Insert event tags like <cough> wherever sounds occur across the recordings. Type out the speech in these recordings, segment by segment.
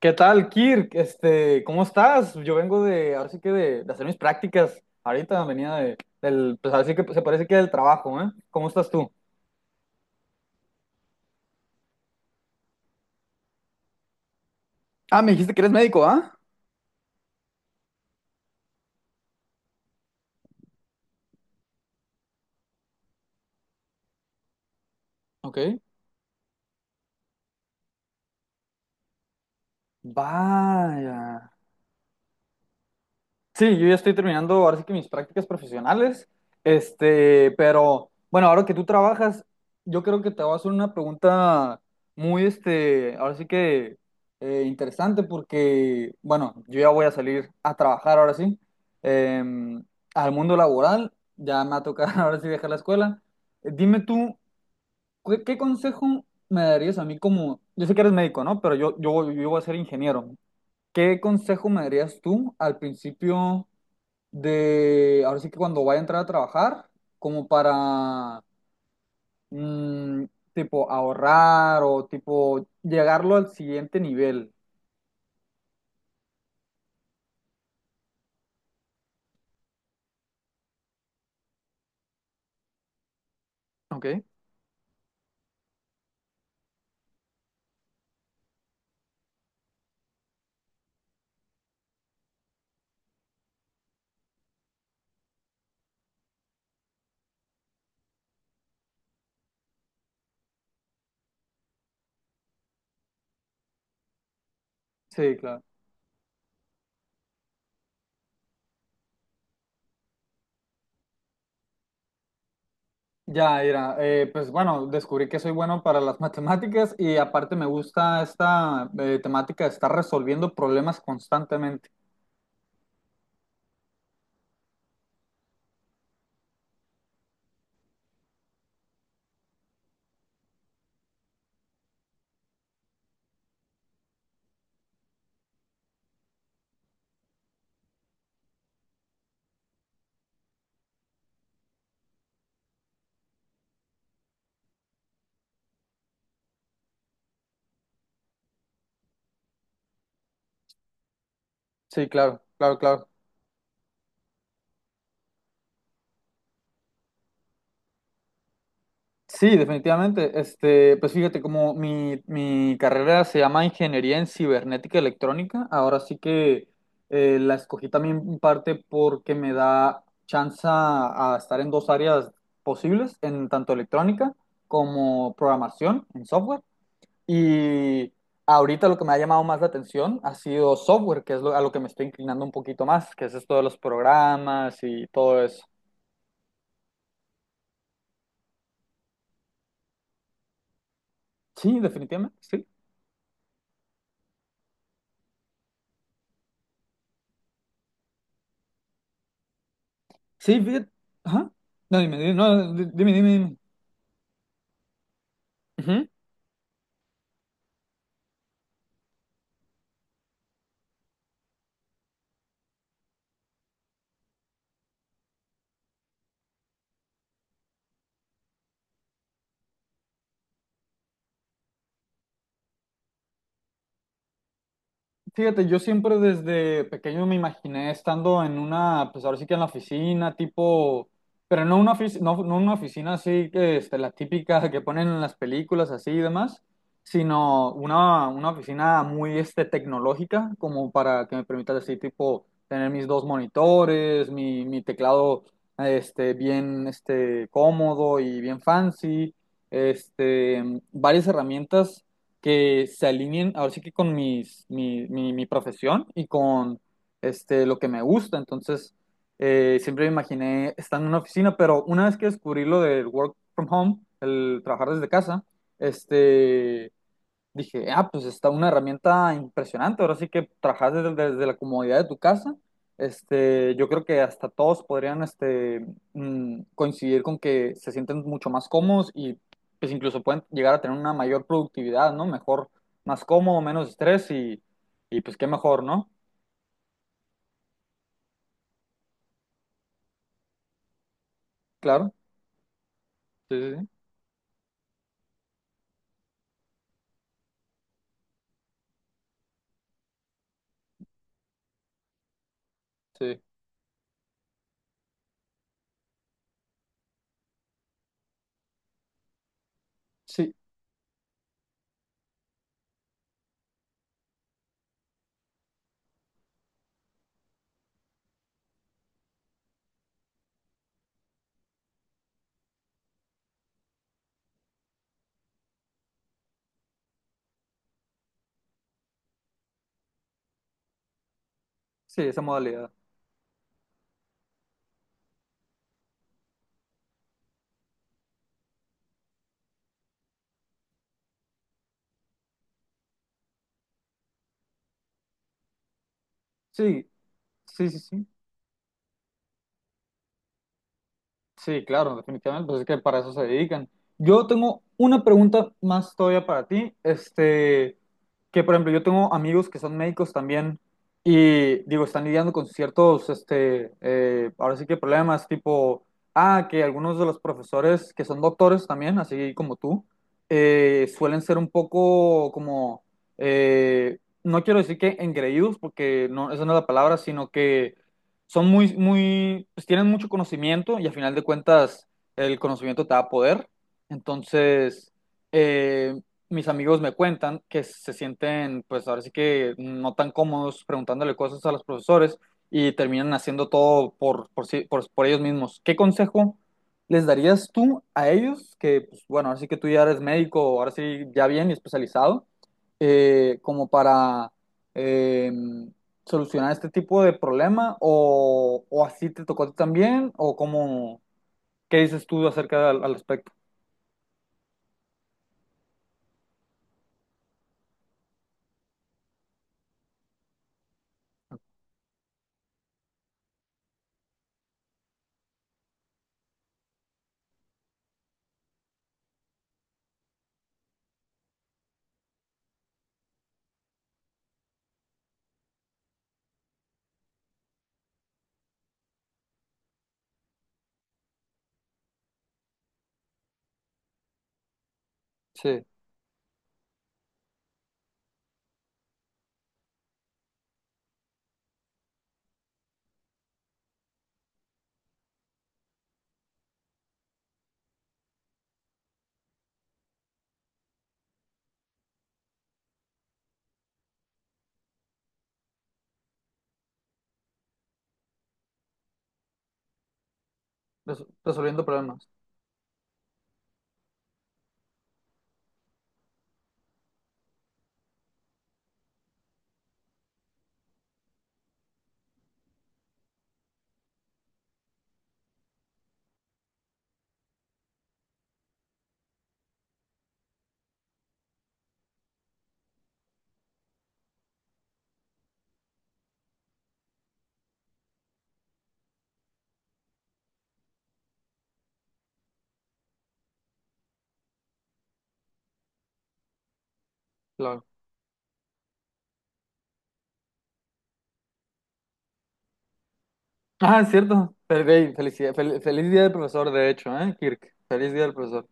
¿Qué tal, Kirk? ¿Cómo estás? Yo vengo de, ahora sí que de hacer mis prácticas. Ahorita venía de, del, pues ahora sí que se parece que del trabajo, ¿eh? ¿Cómo estás tú? Ah, me dijiste que eres médico, ¿ah? Ok. Vaya. Sí, yo ya estoy terminando ahora sí que mis prácticas profesionales, pero bueno, ahora que tú trabajas, yo creo que te voy a hacer una pregunta muy, ahora sí que interesante porque, bueno, yo ya voy a salir a trabajar ahora sí, em, al mundo laboral, ya me va a tocar <laughs> ahora sí dejar la escuela. Dime tú, ¿qué consejo me darías a mí como, yo sé que eres médico, ¿no? Pero yo voy a ser ingeniero. ¿Qué consejo me darías tú al principio? De, ahora sí que cuando vaya a entrar a trabajar, como para, mm, tipo, ahorrar o tipo, llegarlo al siguiente nivel. Ok. Sí, claro. Ya, era, pues bueno, descubrí que soy bueno para las <laughs> matemáticas y aparte me gusta esta temática de estar resolviendo problemas constantemente. Sí, claro, claro, claro. Sí, definitivamente. Este, pues fíjate, como mi carrera se llama Ingeniería en Cibernética Electrónica, ahora sí que la escogí también en parte porque me da chance a estar en dos áreas posibles, en tanto electrónica como programación en software. Y ahorita lo que me ha llamado más la atención ha sido software, que es lo- a lo que me estoy inclinando un poquito más, que es esto de los programas y todo eso. Sí, definitivamente, sí. Sí, fíjate. Ajá. No, dime, dime, no, di- dime, dime, dime. Fíjate, yo siempre desde pequeño me imaginé estando en una, pues ahora sí que en la oficina, tipo, pero no una oficina, no, no una oficina así que la típica que ponen en las películas así y demás, sino una oficina muy tecnológica, como para que me permita así, tipo, tener mis dos monitores, mi teclado bien cómodo y bien fancy, este, varias herramientas que se alineen ahora sí que con mis, mi profesión y con lo que me gusta. Entonces, siempre me imaginé estar en una oficina, pero una vez que descubrí lo del work from home, el trabajar desde casa, este, dije, ah, pues está una herramienta impresionante. Ahora sí que trabajas desde la comodidad de tu casa. Este, yo creo que hasta todos podrían, coincidir con que se sienten mucho más cómodos y, pues, incluso pueden llegar a tener una mayor productividad, ¿no? Mejor, más cómodo, menos estrés y pues, qué mejor, ¿no? Claro. Sí, sí, sí. Sí, sí, sí, esa modalidad. Sí, sí, sí, sí. Sí, claro, definitivamente, pues es que para eso se dedican. Yo tengo una pregunta más todavía para ti, este, que por ejemplo yo tengo amigos que son médicos también y digo, están lidiando con ciertos, ahora sí que problemas tipo, ah, que algunos de los profesores que son doctores también, así como tú, suelen ser un poco como, eh, no quiero decir que engreídos, porque no, esa no es la palabra, sino que son muy, muy, pues tienen mucho conocimiento y a final de cuentas el conocimiento te da poder. Entonces, eh, mis amigos me cuentan que se sienten, pues ahora sí que no tan cómodos preguntándole cosas a los profesores y terminan haciendo todo sí- por ellos mismos. ¿Qué consejo les darías tú a ellos? Que, pues, bueno, ahora sí que tú ya eres médico, ahora sí ya bien y especializado, como para... em, solucionar este tipo de problema o así te tocó a ti también o cómo, ¿qué dices tú acerca del al aspecto? Sí, res- resolviendo problemas. Claro. Ah, es cierto. Pero, güey, felicidad- fel- feliz día del profesor, de hecho, ¿eh, Kirk? Feliz día del profesor.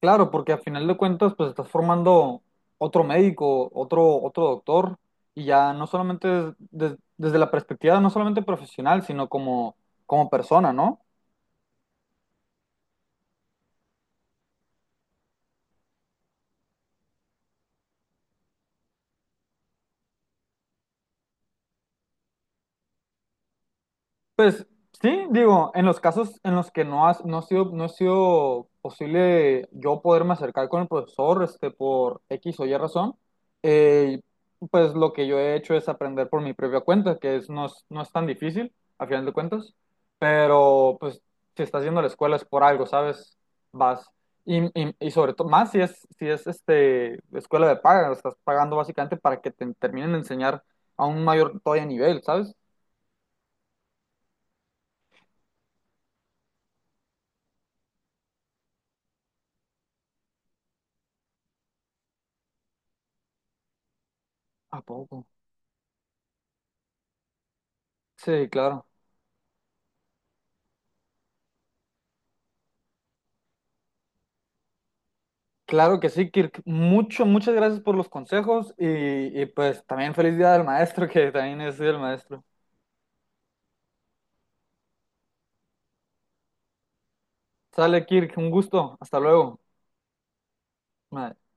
Claro, porque a final de cuentas, pues estás formando otro médico, otro doctor, y ya no solamente des- des- desde la perspectiva, no solamente profesional, sino como, como persona, ¿no? Pues sí, digo, en los casos en los que no has, no ha sido, no ha sido posible yo poderme acercar con el profesor, este, por X o Y razón, eh, pues lo que yo he hecho es aprender por mi propia cuenta, que es, no es, no es tan difícil, a final de cuentas, pero pues si estás yendo a la escuela es por algo, ¿sabes? Vas. Y, y sobre todo, más si es este, escuela de paga, estás pagando básicamente para que te terminen de enseñar a un mayor todavía nivel, ¿sabes? ¿A poco? Sí, claro. Claro que sí, Kirk. Mucho, muchas gracias por los consejos y pues también feliz día del maestro, que también es día del maestro. Sale, Kirk, un gusto. Hasta luego. Bye.